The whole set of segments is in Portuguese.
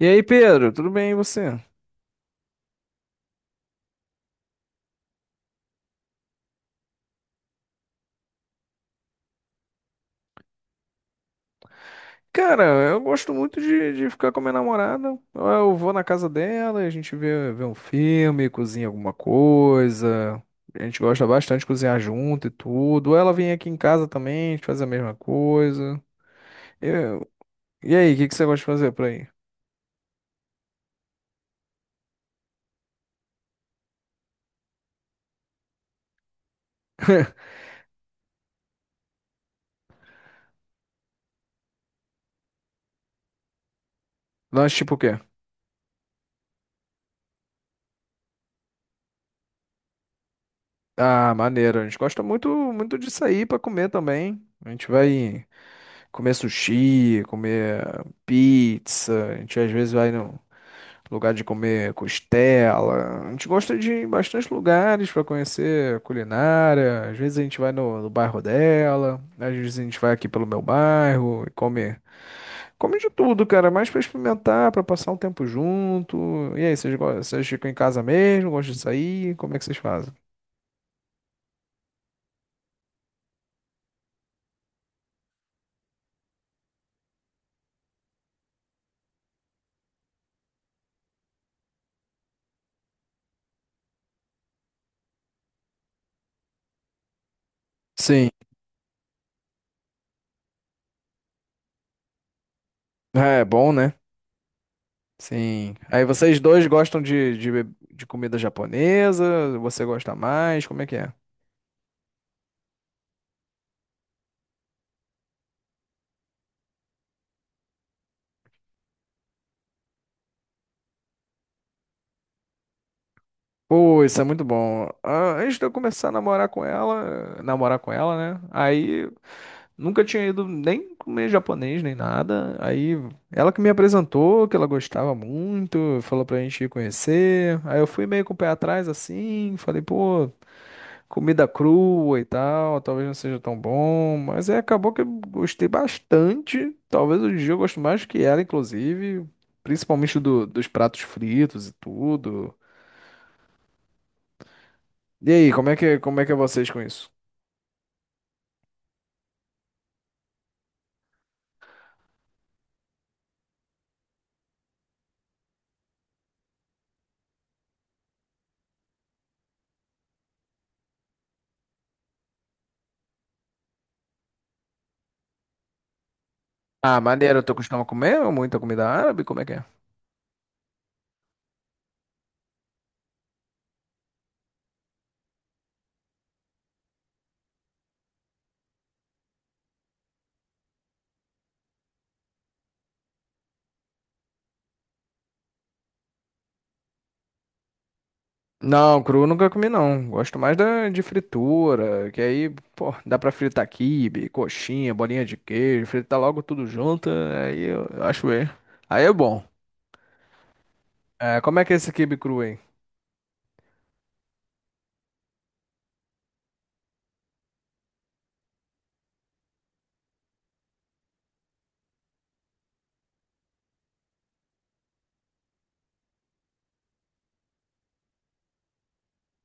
E aí, Pedro, tudo bem e você? Cara, eu gosto muito de ficar com a minha namorada. Eu vou na casa dela, a gente vê um filme, cozinha alguma coisa. A gente gosta bastante de cozinhar junto e tudo. Ela vem aqui em casa também, a gente faz a mesma coisa. Eu- E aí, o que que você gosta de fazer por aí? Lanche tipo o quê? Ah, maneiro. A gente gosta muito, muito de sair pra comer também. A gente vai comer sushi, comer pizza. A gente às vezes vai no. Lugar de comer costela. A gente gosta de ir em bastante lugares para conhecer culinária. Às vezes a gente vai no bairro dela, às vezes a gente vai aqui pelo meu bairro e come, come de tudo, cara, mais para experimentar, para passar um tempo junto. E aí, vocês, vocês ficam em casa mesmo? Gostam de sair? Como é que vocês fazem? Sim, é bom, né? Sim. Aí vocês dois gostam de de comida japonesa? Você gosta mais? Como é que é? Pô, isso é muito bom. Ah, antes de eu começar a namorar com ela, né? Aí nunca tinha ido nem comer japonês nem nada. Aí ela que me apresentou, que ela gostava muito, falou pra gente ir conhecer. Aí eu fui meio com o pé atrás assim, falei, pô, comida crua e tal, talvez não seja tão bom, mas aí acabou que eu gostei bastante. Talvez hoje em dia eu gosto mais que ela, inclusive, principalmente dos pratos fritos e tudo. E aí, como é que é vocês com isso? Ah, maneiro, tu costuma comer muita comida árabe? Como é que é? Não, cru nunca comi não. Gosto mais da, de fritura, que aí, pô, dá pra fritar quibe, coxinha, bolinha de queijo, fritar logo tudo junto, aí eu acho bem. Aí é bom. É, como é que é esse quibe cru aí?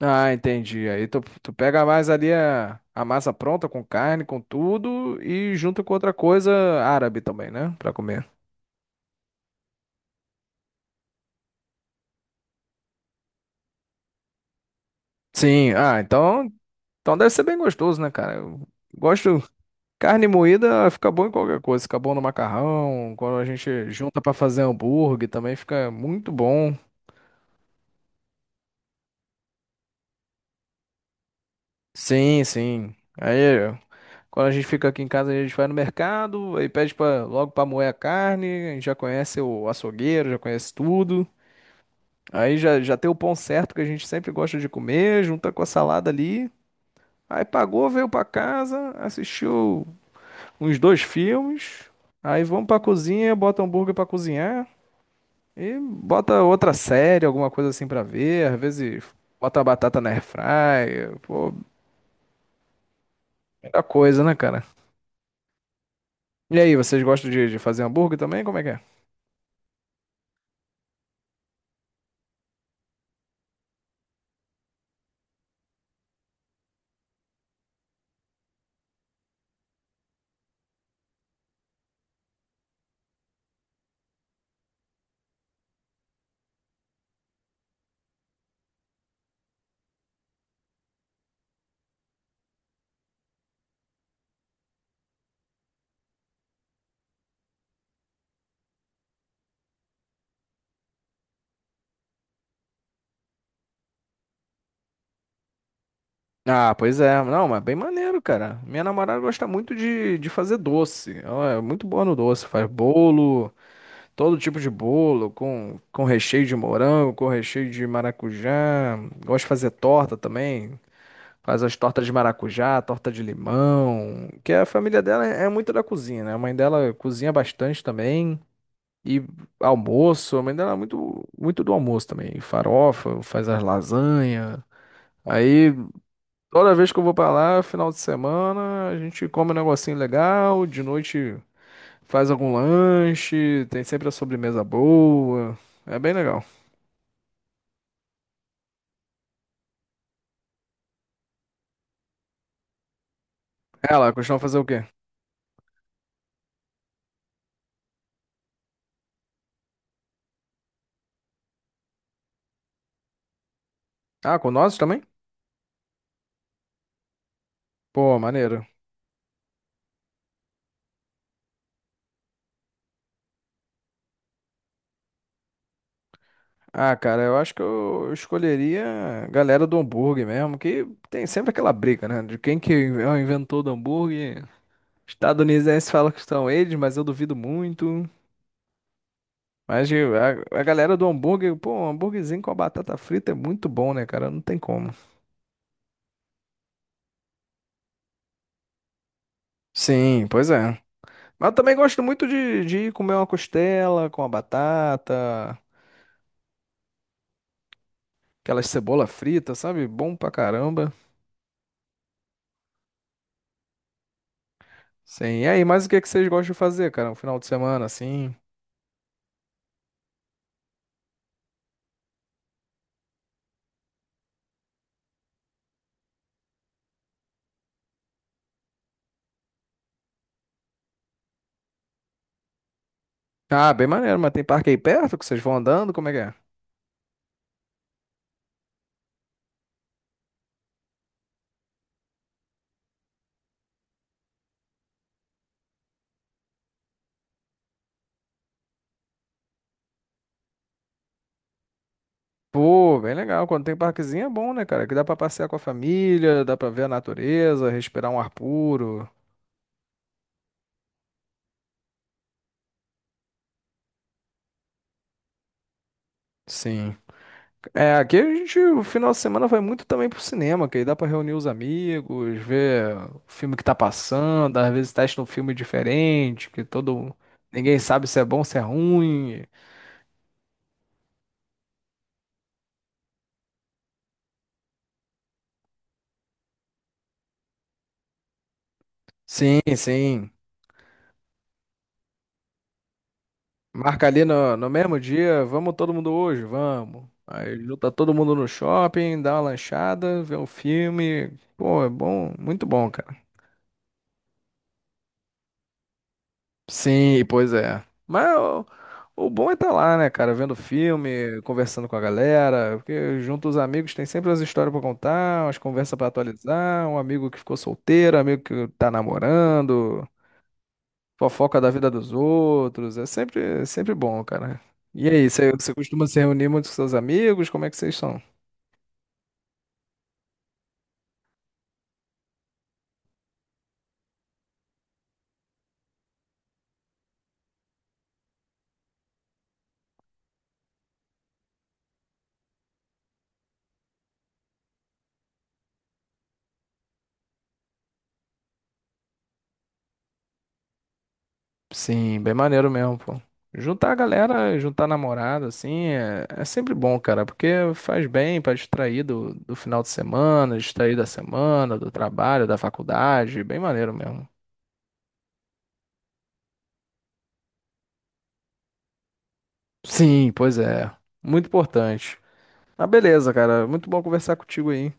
Ah, entendi. Aí tu, tu pega mais ali a massa pronta com carne, com tudo, e junta com outra coisa árabe também, né? Pra comer. Sim, ah, então então deve ser bem gostoso, né, cara? Eu gosto. Carne moída fica bom em qualquer coisa. Fica bom no macarrão. Quando a gente junta pra fazer hambúrguer também fica muito bom. Sim, sim. Aí, quando a gente fica aqui em casa, a gente vai no mercado, aí pede pra, logo pra moer a carne. A gente já conhece o açougueiro, já conhece tudo. Aí já, já tem o pão certo que a gente sempre gosta de comer, junta com a salada ali. Aí pagou, veio pra casa, assistiu uns dois filmes, aí vamos pra cozinha, bota hambúrguer pra cozinhar e bota outra série, alguma coisa assim pra ver. Às vezes bota a batata na airfryer, pô, muita coisa, né, cara? E aí, vocês gostam de fazer hambúrguer também? Como é que é? Ah, pois é. Não, mas bem maneiro, cara. Minha namorada gosta muito de fazer doce. Ela é muito boa no doce. Faz bolo, todo tipo de bolo, com recheio de morango, com recheio de maracujá. Gosta de fazer torta também. Faz as tortas de maracujá, torta de limão, que a família dela é muito da cozinha, né? A mãe dela cozinha bastante também. E almoço, a mãe dela é muito, muito do almoço também. E farofa, faz as lasanha. Aí, toda vez que eu vou pra lá, final de semana, a gente come um negocinho legal, de noite faz algum lanche, tem sempre a sobremesa boa. É bem legal. Ela costuma fazer o quê? Ah, com nós também? Pô, maneiro. Ah, cara, eu acho que eu escolheria a galera do hambúrguer mesmo, que tem sempre aquela briga, né? De quem que é o inventor do hambúrguer. Estadunidenses fala que são eles, mas eu duvido muito. A, a galera do hambúrguer, pô, um hambúrguerzinho com a batata frita é muito bom, né, cara? Não tem como. Sim, pois é. Mas eu também gosto muito de ir comer uma costela com a batata, aquelas cebola frita, sabe? Bom pra caramba. Sim, e aí, mas o que que vocês gostam de fazer, cara? Um final de semana assim? Ah, bem maneiro, mas tem parque aí perto que vocês vão andando? Como é que é? Pô, bem legal. Quando tem parquezinho é bom, né, cara? Que dá pra passear com a família, dá pra ver a natureza, respirar um ar puro. Sim. É, aqui a gente, o final de semana vai muito também pro cinema, que aí dá pra reunir os amigos, ver o filme que tá passando, às vezes testa um filme diferente, que todo... Ninguém sabe se é bom, se é ruim. Sim, sim. Marca ali no mesmo dia, vamos todo mundo hoje, vamos. Aí junta todo mundo no shopping, dá uma lanchada, vê um filme. Pô, é bom, muito bom, cara. Sim, pois é. O bom é estar lá, né, cara, vendo filme, conversando com a galera, porque junto os amigos tem sempre as histórias pra contar, umas conversas pra atualizar, um amigo que ficou solteiro, um amigo que tá namorando. Fofoca da vida dos outros. É sempre bom, cara. E aí, você costuma se reunir muito com seus amigos? Como é que vocês são? Sim, bem maneiro mesmo, pô. Juntar a galera, juntar namorada, assim, é, é sempre bom, cara, porque faz bem pra distrair do final de semana, distrair da semana, do trabalho, da faculdade, bem maneiro mesmo. Sim, pois é, muito importante. Ah, beleza, cara, muito bom conversar contigo aí.